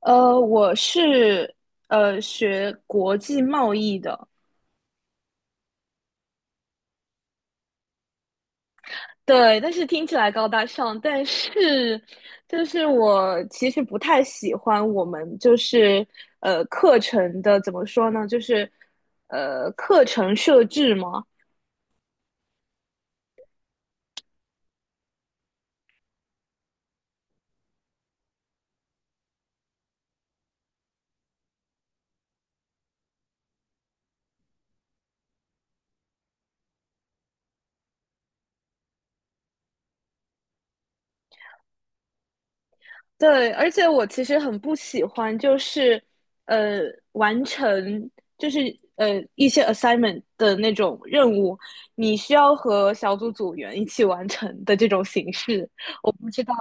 我是学国际贸易的。对，但是听起来高大上，但是我其实不太喜欢我们课程的，怎么说呢，就是课程设置嘛。对，而且我其实很不喜欢，呃完成就是呃一些 assignment 的那种任务，你需要和小组组员一起完成的这种形式。知道。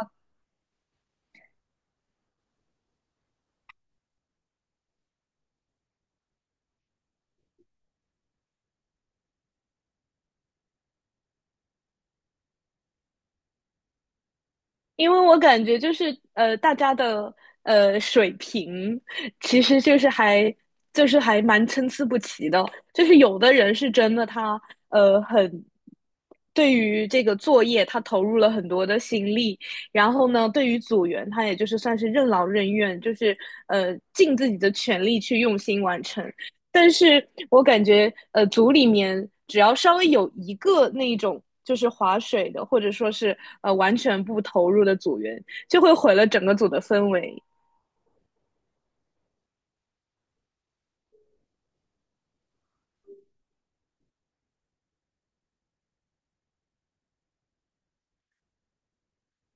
因为我感觉，大家的水平其实就是还就是还蛮参差不齐的，就是有的人是真的他呃很对于这个作业他投入了很多的心力。然后呢，对于组员他也就是算是任劳任怨，就是尽自己的全力去用心完成。但是我感觉，呃，组里面只要稍微有一个那一种就是划水的，或者说是完全不投入的组员，就会毁了整个组的氛围。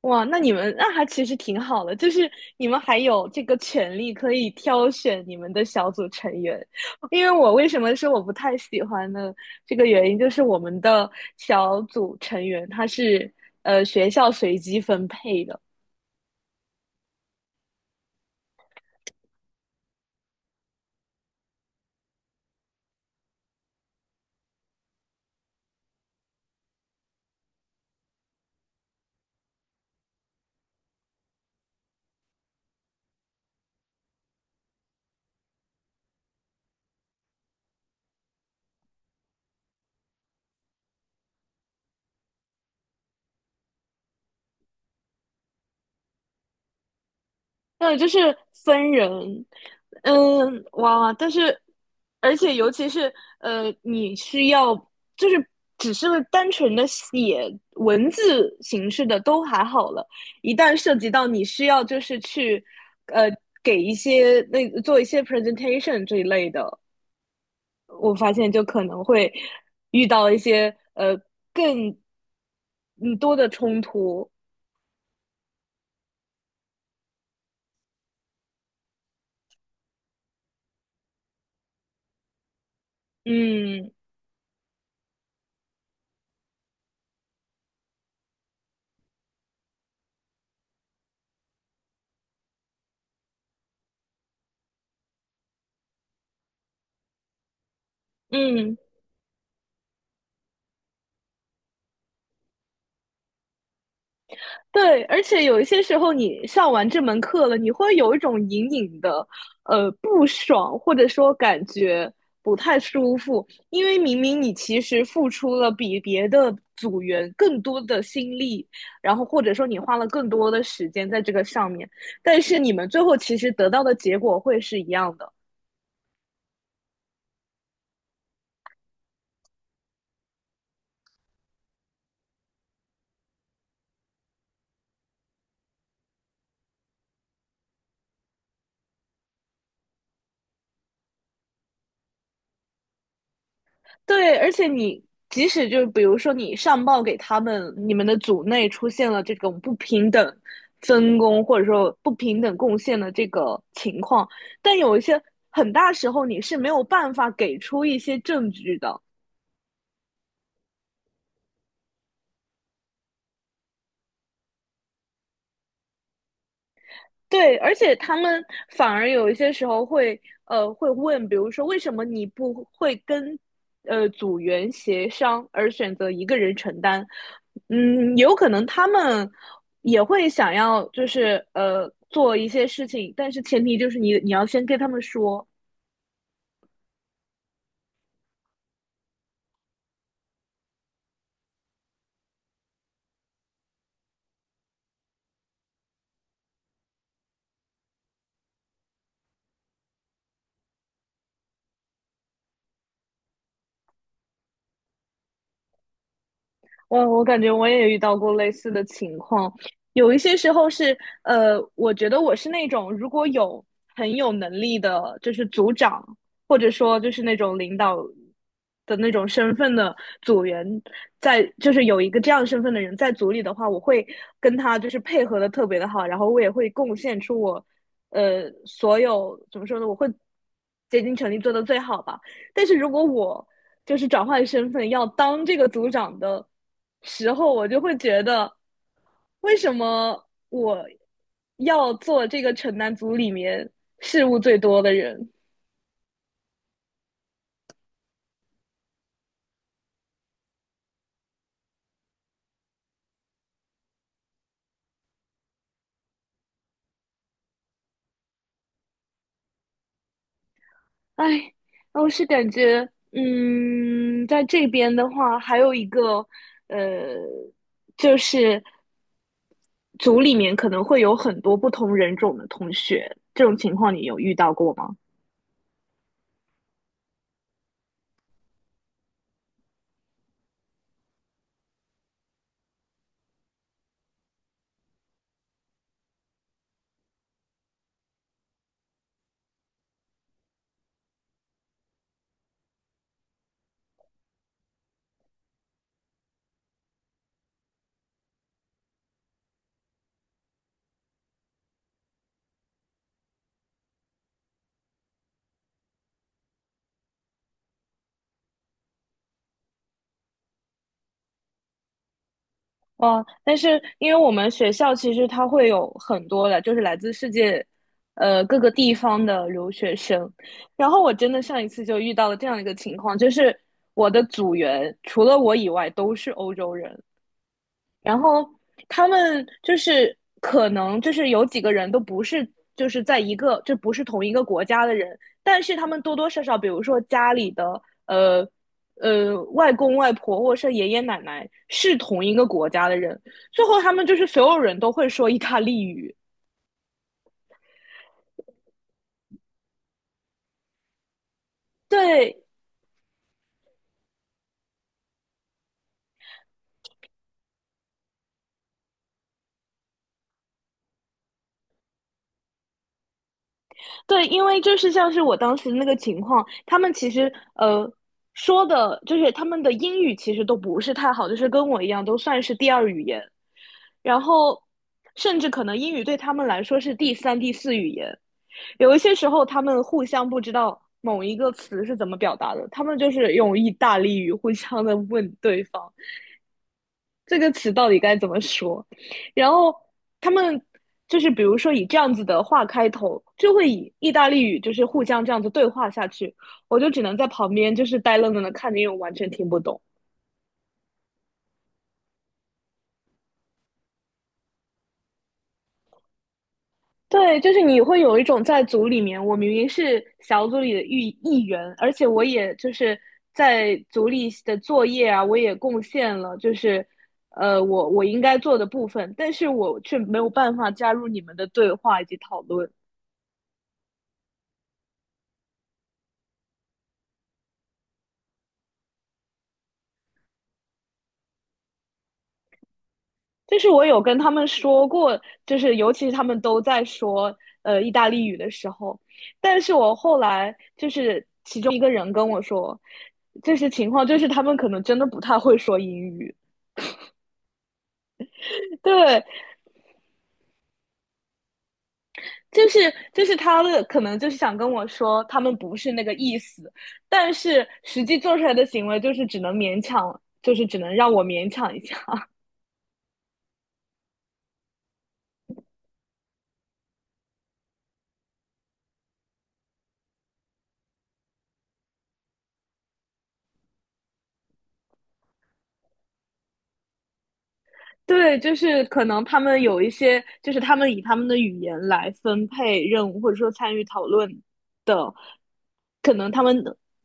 哇，那你们那还其实挺好的，就是你们还有这个权利可以挑选你们的小组成员。因为我为什么说我不太喜欢呢？这个原因就是我们的小组成员他是学校随机分配的。对，就是分人，嗯，哇，但是，而且尤其是，呃，你需要就是只是单纯的写文字形式的都还好了，一旦涉及到你需要就是去，呃，给一些那做一些 presentation 这一类的，我发现就可能会遇到一些更嗯多的冲突。嗯嗯。对，而且有一些时候你上完这门课了，你会有一种隐隐的不爽，或者说感觉不太舒服，因为明明你其实付出了比别的组员更多的心力，然后或者说你花了更多的时间在这个上面，但是你们最后其实得到的结果会是一样的。对，而且即使就是比如说你上报给他们，你们的组内出现了这种不平等分工或者说不平等贡献的这个情况，但有一些很大时候你是没有办法给出一些证据的。对，而且他们反而有一些时候会，呃，会问，比如说为什么你不会跟，呃，组员协商而选择一个人承担？嗯，有可能他们也会想要，就是呃，做一些事情，但是前提就是你要先跟他们说。我感觉我也遇到过类似的情况。有一些时候是，呃，我觉得我是那种，如果有很有能力的，就是组长或者说就是那种领导的那种身份的组员在，就是有一个这样身份的人在组里的话，我会跟他就是配合的特别的好，然后我也会贡献出我，呃，所有怎么说呢，我会竭尽全力做的最好吧。但是如果我就是转换身份要当这个组长的时候，我就会觉得，为什么我要做这个城南组里面事务最多的人？哎，我是感觉，嗯，在这边的话，还有一个，呃，就是组里面可能会有很多不同人种的同学，这种情况你有遇到过吗？哦，但是因为我们学校其实它会有很多的，就是来自世界，各个地方的留学生。然后我真的上一次就遇到了这样一个情况，就是我的组员除了我以外都是欧洲人。然后他们就是可能就是有几个人都不是就是在一个就不是同一个国家的人，但是他们多多少少，比如说家里的外公外婆或者是爷爷奶奶是同一个国家的人，最后他们就是所有人都会说意大利语。对。对，因为就是像是我当时那个情况，他们其实说的，就是他们的英语其实都不是太好，就是跟我一样都算是第二语言，然后甚至可能英语对他们来说是第三、第四语言。有一些时候他们互相不知道某一个词是怎么表达的，他们就是用意大利语互相的问对方，这个词到底该怎么说？然后他们就是比如说以这样子的话开头，就会以意大利语就是互相这样子对话下去，我就只能在旁边就是呆愣愣的看着，因为我完全听不懂。对，就是你会有一种在组里面，我明明是小组里的一员，而且我也就是在组里的作业啊，我也贡献了，就是呃，我应该做的部分，但是我却没有办法加入你们的对话以及讨论。就是我有跟他们说过，就是尤其是他们都在说意大利语的时候，但是我后来就是其中一个人跟我说，就是情况就是他们可能真的不太会说英语。对，就是就是他的可能就是想跟我说他们不是那个意思，但是实际做出来的行为就是只能勉强，就是只能让我勉强一下。对，就是可能他们有一些，就是他们以他们的语言来分配任务，或者说参与讨论的，可能他们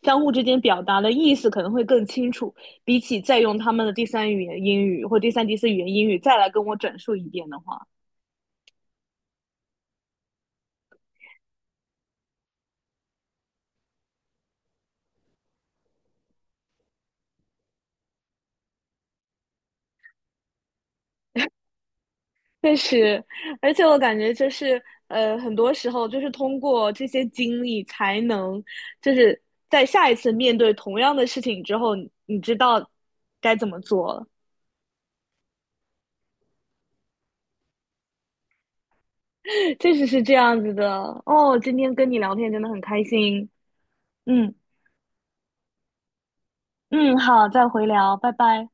相互之间表达的意思可能会更清楚，比起再用他们的第三语言英语或第三、第四语言英语再来跟我转述一遍的话，确实，而且我感觉，很多时候就是通过这些经历才能，就是在下一次面对同样的事情之后，你知道该怎么做了。确实是这样子的哦。今天跟你聊天真的很开心。嗯。嗯，好，再回聊，拜拜。